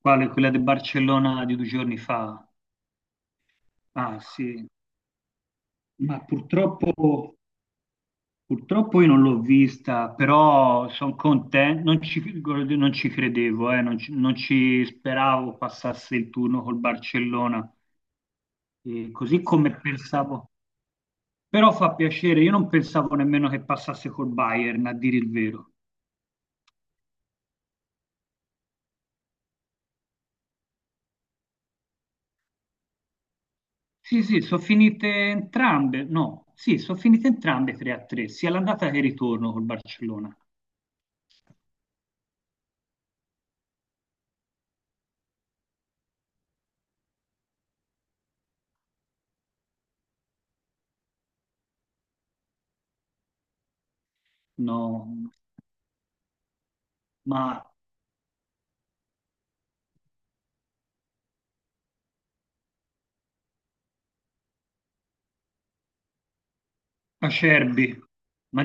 Quale? Quella di Barcellona di due giorni fa? Ah sì, ma purtroppo, purtroppo io non l'ho vista, però sono contento, non ci credevo, non ci speravo passasse il turno col Barcellona. E così come pensavo. Però fa piacere, io non pensavo nemmeno che passasse col Bayern, a dire il vero. Sì, sì, sono finite entrambe, no, sì, sono finite entrambe 3-3, sia l'andata che il ritorno col Barcellona. No, ma Acerbi, ma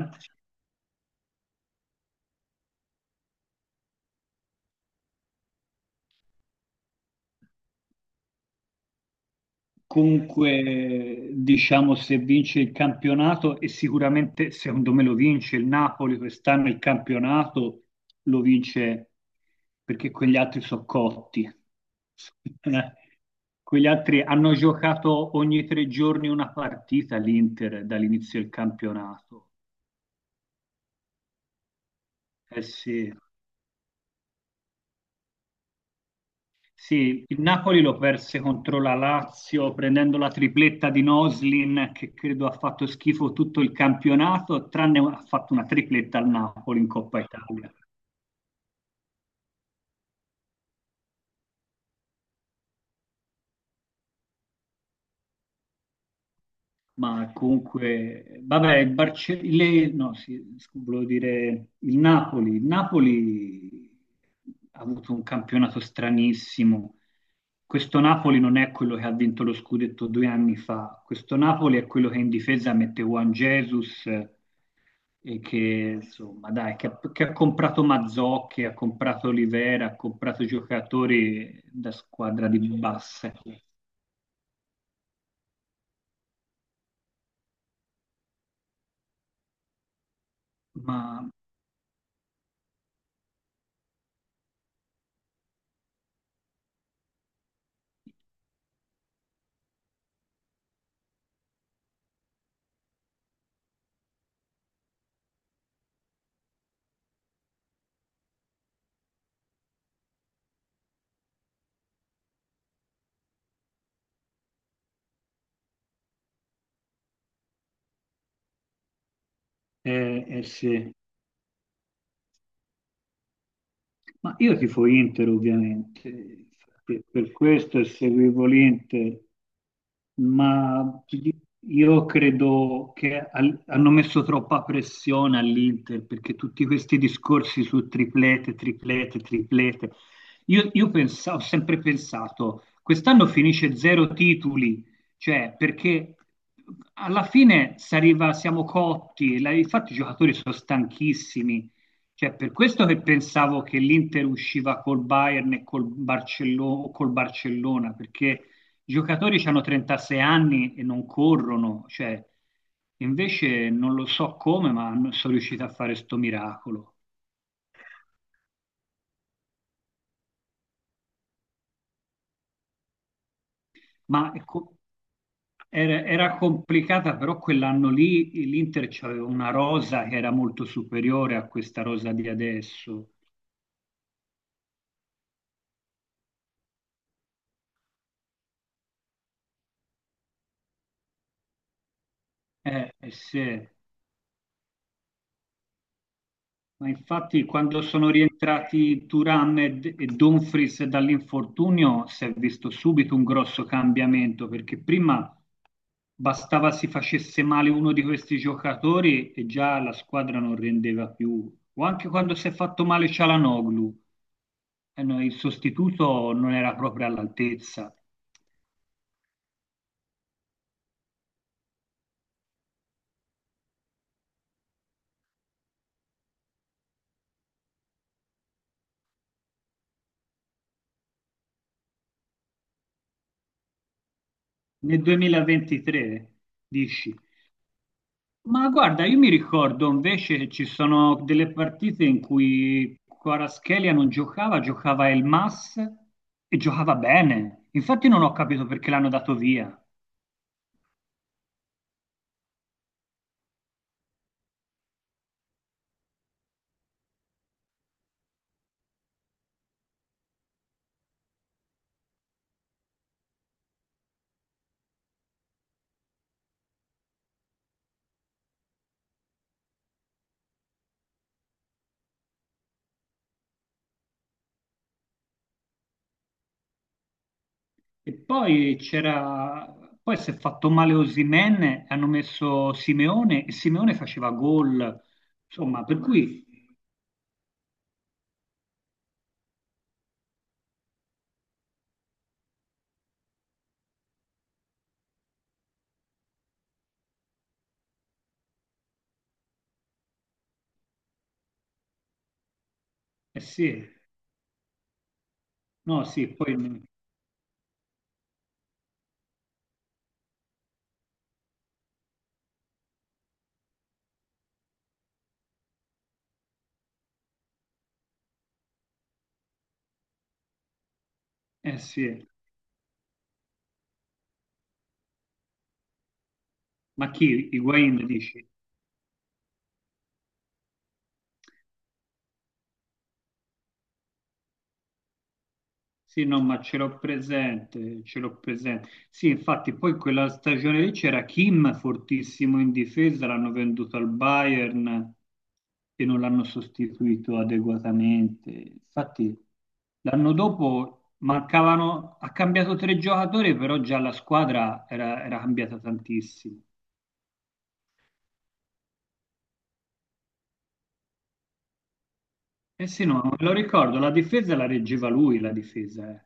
comunque diciamo se vince il campionato e sicuramente secondo me lo vince il Napoli quest'anno il campionato lo vince perché quegli altri sono cotti. Quegli altri hanno giocato ogni tre giorni una partita l'Inter dall'inizio del campionato. Eh sì. Sì, il Napoli lo perse contro la Lazio prendendo la tripletta di Noslin che credo ha fatto schifo tutto il campionato, tranne ha fatto una tripletta al Napoli in Coppa Italia. Ma comunque, vabbè, il Barce- le- no, sì, scu- volevo dire il Napoli. Il Napoli ha avuto un campionato stranissimo. Questo Napoli non è quello che ha vinto lo scudetto due anni fa. Questo Napoli è quello che in difesa mette Juan Jesus e che insomma dai, che ha comprato Mazzocchi, ha comprato Olivera, ha comprato giocatori da squadra di basse, ma eh sì. Ma io tifo Inter ovviamente, infatti, per questo e seguivo l'Inter, ma ti di- io credo che al- hanno messo troppa pressione all'Inter perché tutti questi discorsi su triplete, triplete, triplete. Io pensa- ho sempre pensato, quest'anno finisce zero titoli, cioè perché alla fine s'arriva- siamo cotti, la- infatti i giocatori sono stanchissimi, cioè, per questo che pensavo che l'Inter usciva col Bayern e col, Barcello- col Barcellona, perché i giocatori hanno 36 anni e non corrono, cioè, invece non lo so come, ma non sono riusciti a fare sto miracolo. Ma ecco, era complicata, però quell'anno lì l'Inter aveva una rosa che era molto superiore a questa rosa di adesso. Sì. Ma infatti quando sono rientrati Turam e, D- e Dumfries dall'infortunio si è visto subito un grosso cambiamento perché prima bastava si facesse male uno di questi giocatori e già la squadra non rendeva più. O anche quando si è fatto male Cialanoglu, eh no, il sostituto non era proprio all'altezza. Nel 2023, dici? Ma guarda, io mi ricordo invece che ci sono delle partite in cui Kvaratskhelia non giocava, giocava Elmas e giocava bene. Infatti non ho capito perché l'hanno dato via. E poi c'era, poi si è fatto male Osimhen, e hanno messo Simeone e Simeone faceva gol. Insomma, per cui, eh sì, no, sì, poi, eh sì. Ma chi? Higuain dici? Sì, no, ma ce l'ho presente, ce l'ho presente. Sì, infatti poi quella stagione lì c'era Kim fortissimo in difesa, l'hanno venduto al Bayern e non l'hanno sostituito adeguatamente. Infatti l'anno dopo mancavano, ha cambiato tre giocatori, però già la squadra era cambiata tantissimo. Eh sì, no, me lo ricordo, la difesa la reggeva lui, la difesa. Eh.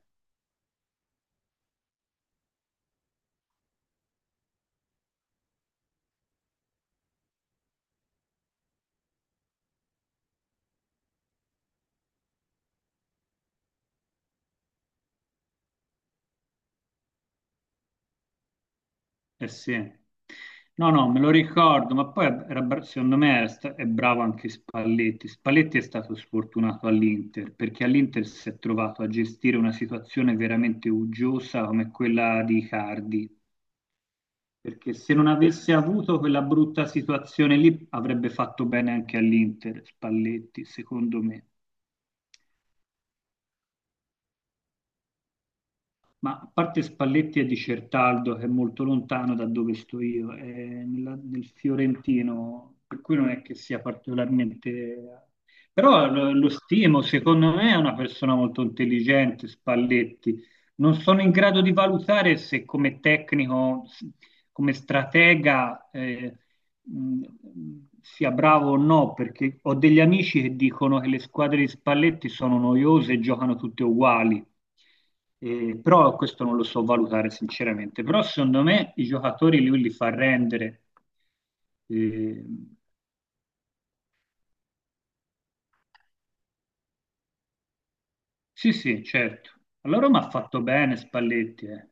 Eh sì. No, no, me lo ricordo, ma poi era bra- secondo me era sta- è bravo anche Spalletti. Spalletti è stato sfortunato all'Inter perché all'Inter si è trovato a gestire una situazione veramente uggiosa come quella di Icardi, perché se non avesse avuto quella brutta situazione lì avrebbe fatto bene anche all'Inter, Spalletti, secondo me. Ma a parte Spalletti e Di Certaldo, che è molto lontano da dove sto io, è nella- nel Fiorentino, per cui non è che sia particolarmente... Però lo stimo, secondo me è una persona molto intelligente, Spalletti. Non sono in grado di valutare se come tecnico, s- come stratega, mh, sia bravo o no, perché ho degli amici che dicono che le squadre di Spalletti sono noiose e giocano tutte uguali. Però questo non lo so valutare sinceramente. Però secondo me i giocatori lui li fa rendere. Eh, sì, sì, certo. Allora mi ha fatto bene Spalletti, eh.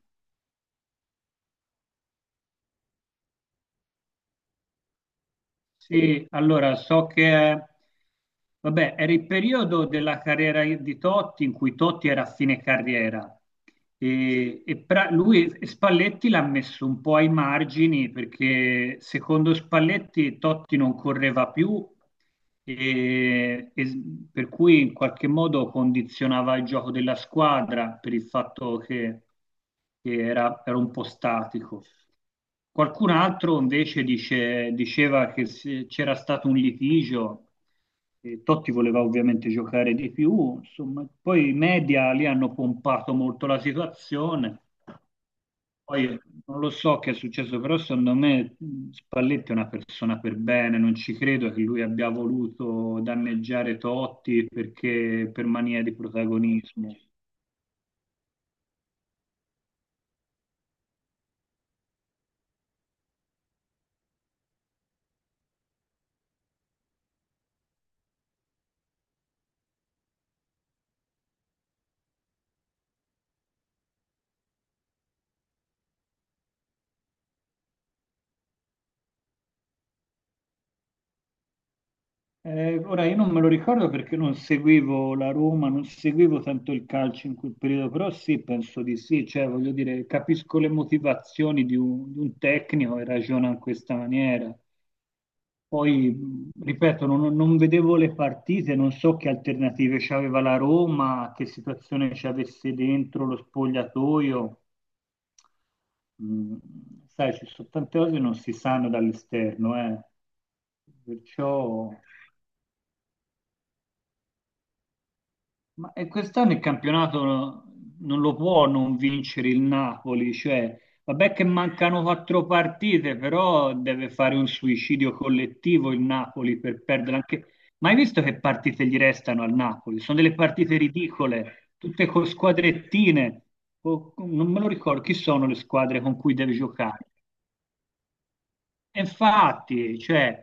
Sì, allora so che, vabbè, era il periodo della carriera di Totti in cui Totti era a fine carriera e pra- lui e Spalletti l'ha messo un po' ai margini perché secondo Spalletti Totti non correva più e s- per cui in qualche modo condizionava il gioco della squadra per il fatto che era un po' statico. Qualcun altro invece dice- diceva che se c'era stato un litigio, Totti voleva ovviamente giocare di più, insomma, poi i media lì hanno pompato molto la situazione, poi non lo so che è successo, però secondo me Spalletti è una persona per bene, non ci credo che lui abbia voluto danneggiare Totti perché, per mania di protagonismo. Ora io non me lo ricordo perché non seguivo la Roma, non seguivo tanto il calcio in quel periodo, però sì, penso di sì, cioè voglio dire, capisco le motivazioni di un tecnico e ragiona in questa maniera. Poi, ripeto, non vedevo le partite, non so che alternative c'aveva la Roma, che situazione c'avesse dentro lo spogliatoio. Mm, sai, ci sono tante cose che non si sanno dall'esterno, eh. Perciò... Ma e quest'anno il campionato non lo può non vincere il Napoli, cioè, vabbè che mancano 4 partite, però deve fare un suicidio collettivo il Napoli per perdere anche... Ma hai visto che partite gli restano al Napoli? Sono delle partite ridicole, tutte con squadrettine, o- non me lo ricordo chi sono le squadre con cui deve giocare. E infatti, cioè,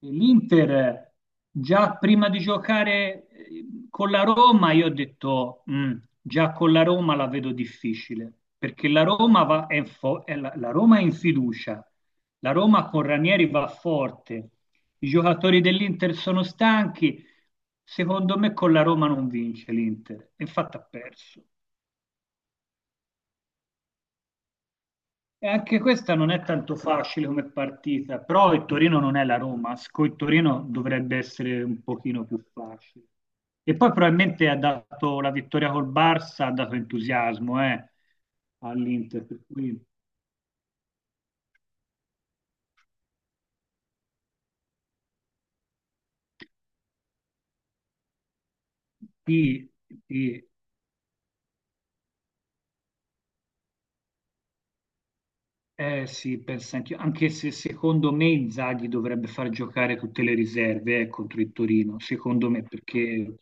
l'Inter già prima di giocare con la Roma, io ho detto, "Mm, già con la Roma la vedo difficile, perché la Roma, va- è, fo- è la, la Roma è in fiducia, la Roma con Ranieri va forte, i giocatori dell'Inter sono stanchi, secondo me con la Roma non vince l'Inter, infatti ha perso." E anche questa non è tanto facile come partita, però il Torino non è la Roma, con il Torino dovrebbe essere un pochino più facile. E poi probabilmente ha dato la vittoria col Barça, ha dato entusiasmo all'Inter, per cui sì, sì. Eh sì, penso anch'io, anche se secondo me Inzaghi dovrebbe far giocare tutte le riserve contro il Torino, secondo me, perché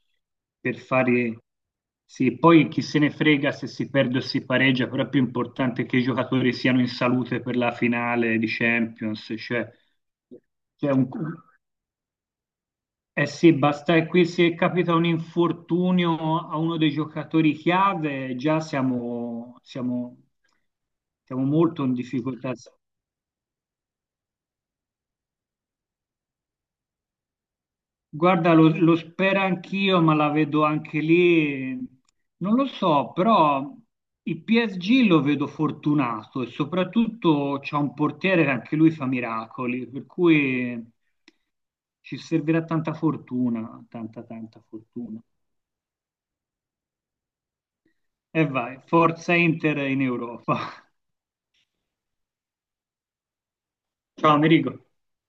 per fare... Sì, poi chi se ne frega se si perde o si pareggia, però è più importante che i giocatori siano in salute per la finale di Champions, cioè, cioè un- Eh sì, basta che qui se capita un infortunio a uno dei giocatori chiave, già siamo molto in difficoltà. Guarda, lo spero anch'io, ma la vedo anche lì. Non lo so, però il PSG lo vedo fortunato e soprattutto c'è un portiere che anche lui fa miracoli, per cui ci servirà tanta fortuna, tanta tanta fortuna. E vai, forza Inter in Europa. Ciao, Amerigo.